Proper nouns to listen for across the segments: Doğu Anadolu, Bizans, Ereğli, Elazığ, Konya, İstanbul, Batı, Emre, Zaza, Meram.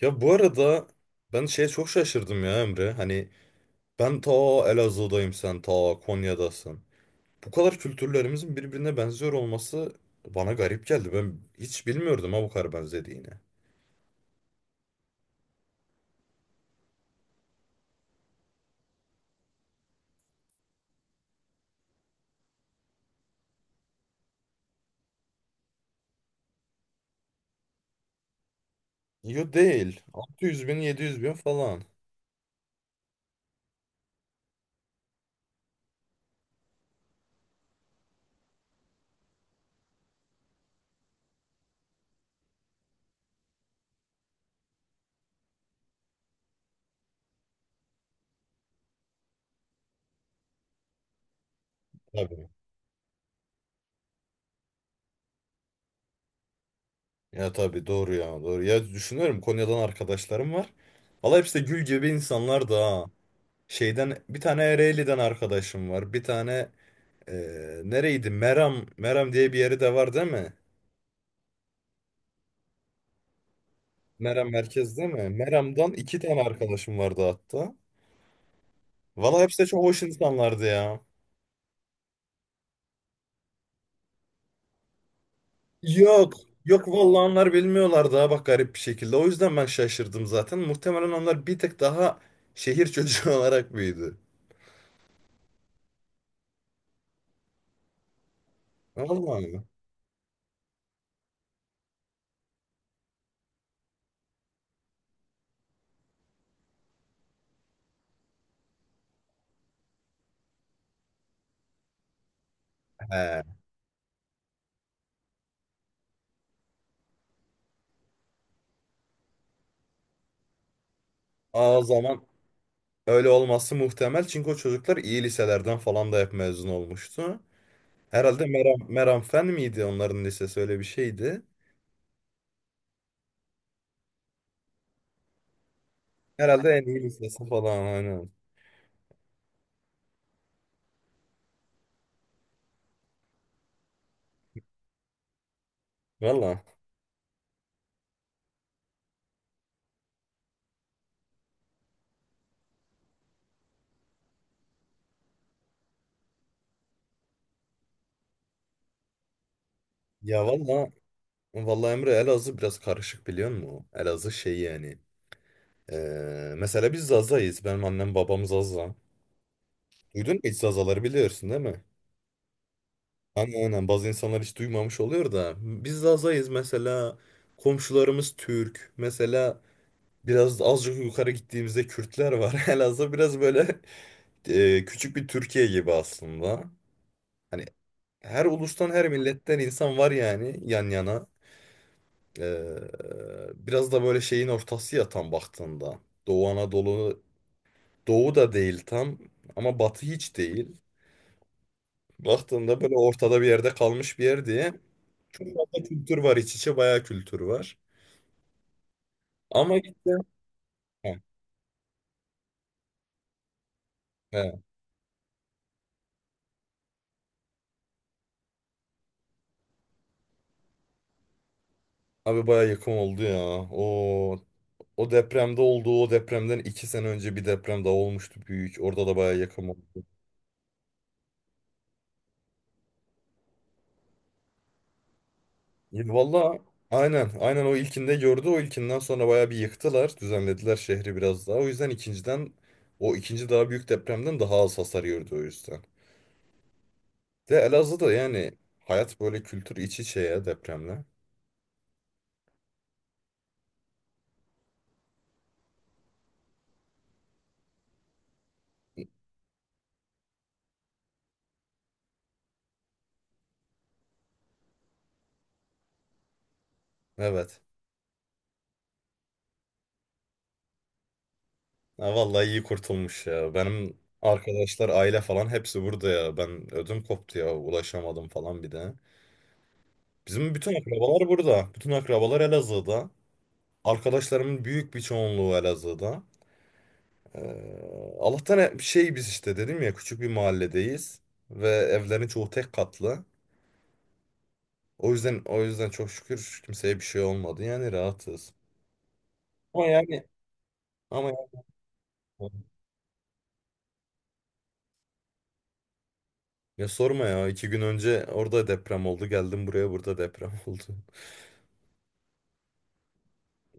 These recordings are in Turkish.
Ya bu arada ben şeye çok şaşırdım ya Emre. Hani ben ta Elazığ'dayım, sen ta Konya'dasın. Bu kadar kültürlerimizin birbirine benziyor olması bana garip geldi. Ben hiç bilmiyordum ha, bu kadar benzediğini. Yo, değil. 600 bin 700 bin falan. Tabii. Ya tabii, doğru ya, doğru. Ya düşünüyorum, Konya'dan arkadaşlarım var. Valla hepsi de gül gibi insanlar da ha. Şeyden bir tane Ereğli'den arkadaşım var. Bir tane nereydi? Meram. Meram diye bir yeri de var değil mi? Meram merkez değil mi? Meram'dan iki tane arkadaşım vardı hatta. Valla hepsi de çok hoş insanlardı ya. Yok. Yok, vallahi onlar bilmiyorlardı, ha bak, garip bir şekilde. O yüzden ben şaşırdım zaten. Muhtemelen onlar bir tık daha şehir çocuğu olarak büyüdü. Vallahi mi? He. Aa, o zaman öyle olması muhtemel. Çünkü o çocuklar iyi liselerden falan da hep mezun olmuştu. Herhalde Meram Fen miydi onların lisesi, öyle bir şeydi. Herhalde en iyi lisesi falan, aynen. Valla. Ya valla Vallahi Emre, Elazığ biraz karışık, biliyor musun? Elazığ şey yani. Mesela biz Zaza'yız. Benim annem babam Zaza. Duydun mu hiç Zazaları, biliyorsun değil mi? Aynen, aynen, bazı insanlar hiç duymamış oluyor da. Biz Zaza'yız mesela. Komşularımız Türk. Mesela biraz azıcık yukarı gittiğimizde Kürtler var. Elazığ biraz böyle küçük bir Türkiye gibi aslında. Hani her ulustan, her milletten insan var yani, yan yana. Ee, Biraz da böyle şeyin ortası ya, tam baktığında. Doğu Anadolu, Doğu da değil tam, ama Batı hiç değil. Baktığında böyle ortada bir yerde kalmış bir yer diye. Çok fazla kültür var, iç içe bayağı kültür var. Ama işte, he, he. Abi bayağı yakın oldu ya. O o depremde oldu. O depremden 2 sene önce bir deprem daha olmuştu, büyük. Orada da bayağı yakın oldu. Ya valla, aynen, aynen, o ilkinde gördü, o ilkinden sonra bayağı bir yıktılar, düzenlediler şehri biraz daha, o yüzden ikinciden, o ikinci daha büyük depremden daha az hasar gördü, o yüzden. De Elazığ'da yani hayat böyle, kültür iç içe ya, depremle. Evet. Ha, vallahi iyi kurtulmuş ya, benim arkadaşlar, aile falan hepsi burada ya, ben ödüm koptu ya, ulaşamadım falan bir de. Bizim bütün akrabalar burada, bütün akrabalar Elazığ'da, arkadaşlarımın büyük bir çoğunluğu Elazığ'da. Allah'tan biz işte, dedim ya, küçük bir mahalledeyiz ve evlerin çoğu tek katlı. O yüzden çok şükür kimseye bir şey olmadı. Yani rahatız. Ama yani ama yani- Ya sorma ya, 2 gün önce orada deprem oldu, geldim buraya, burada deprem oldu.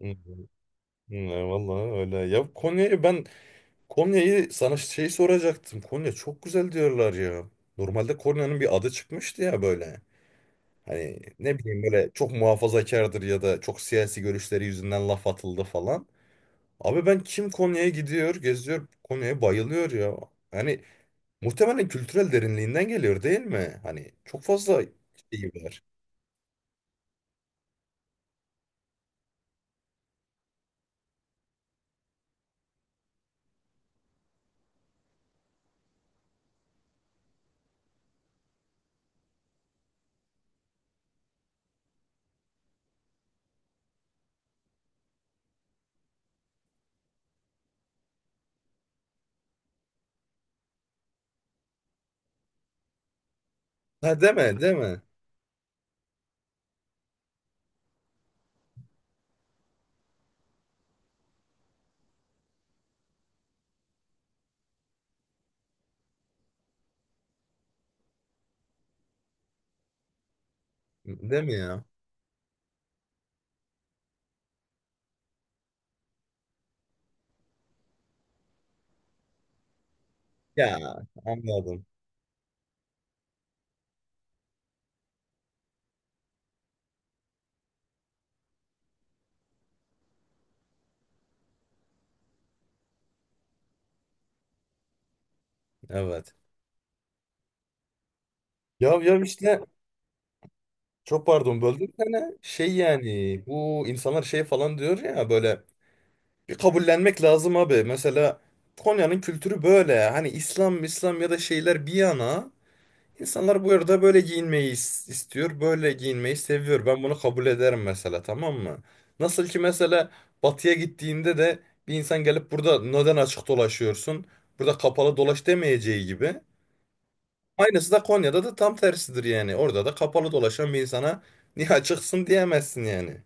Hı, hı. Vallahi öyle. Konya'yı sana şey soracaktım. Konya çok güzel diyorlar ya. Normalde Konya'nın bir adı çıkmıştı ya böyle. Hani ne bileyim, böyle çok muhafazakardır ya da çok siyasi görüşleri yüzünden laf atıldı falan. Abi ben kim Konya'ya gidiyor, geziyor, Konya'ya bayılıyor ya. Hani muhtemelen kültürel derinliğinden geliyor değil mi? Hani çok fazla şey var. Ha, deme, deme. Deme ya. Ya, anladım. Evet. Ya ya işte, çok pardon, böldüm seni. Şey yani, bu insanlar şey falan diyor ya böyle. Bir kabullenmek lazım abi. Mesela Konya'nın kültürü böyle. Hani İslam, İslam ya da şeyler bir yana, insanlar bu arada böyle giyinmeyi istiyor. Böyle giyinmeyi seviyor. Ben bunu kabul ederim mesela, tamam mı? Nasıl ki mesela batıya gittiğinde de bir insan gelip "Burada neden açık dolaşıyorsun? Burada kapalı dolaş" demeyeceği gibi. Aynısı da Konya'da da tam tersidir yani. Orada da kapalı dolaşan bir insana "Niye açıksın?" diyemezsin yani.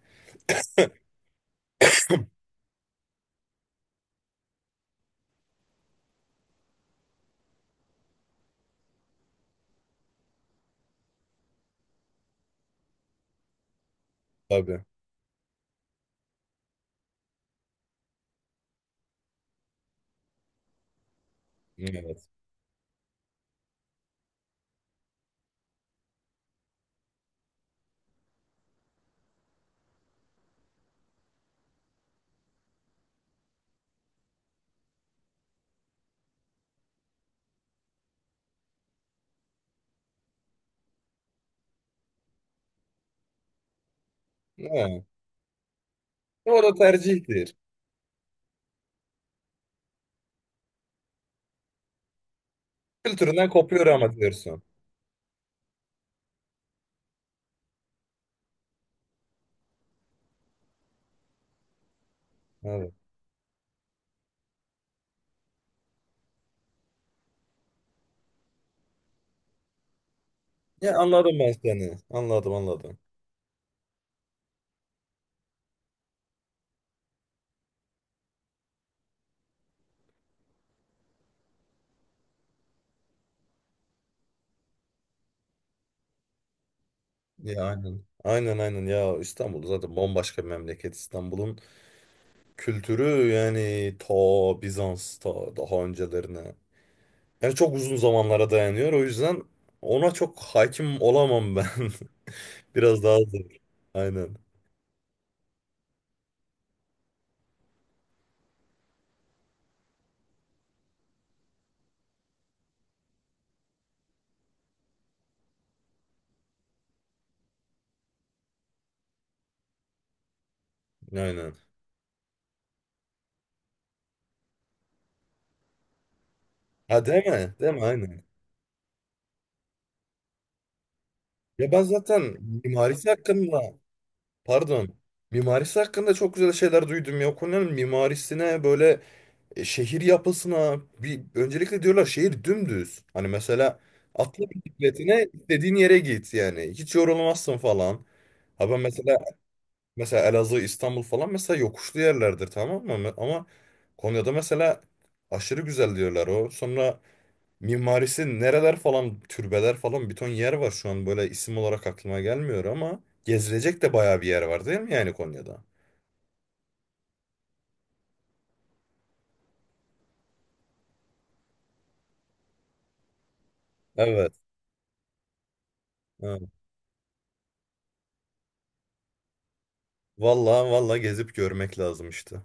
Tabii. Evet. Ha. O da tercihtir. Kültüründen kopuyor ama, diyorsun. Evet. Ya, anladım ben seni. Anladım, anladım. Ya, aynen. Aynen, aynen ya, İstanbul zaten bambaşka bir memleket. İstanbul'un kültürü yani ta Bizans, ta daha öncelerine. Yani çok uzun zamanlara dayanıyor. O yüzden ona çok hakim olamam ben. Biraz daha zor. Aynen. Aynen. Ha, değil mi? Değil mi? Aynen. Ya ben zaten mimarisi hakkında, pardon. Mimarisi hakkında çok güzel şeyler duydum ya. Konya'nın mimarisine böyle, şehir yapısına bir, öncelikle diyorlar şehir dümdüz. Hani mesela atla bisikletine, istediğin yere git yani. Hiç yorulmazsın falan. Ha ben mesela Elazığ, İstanbul falan, mesela yokuşlu yerlerdir, tamam mı? Ama Konya'da mesela aşırı güzel diyorlar o. Sonra mimarisi nereler falan, türbeler falan, bir ton yer var şu an, böyle isim olarak aklıma gelmiyor ama gezilecek de bayağı bir yer var değil mi yani, Konya'da? Evet. Evet. Vallahi vallahi gezip görmek lazım işte.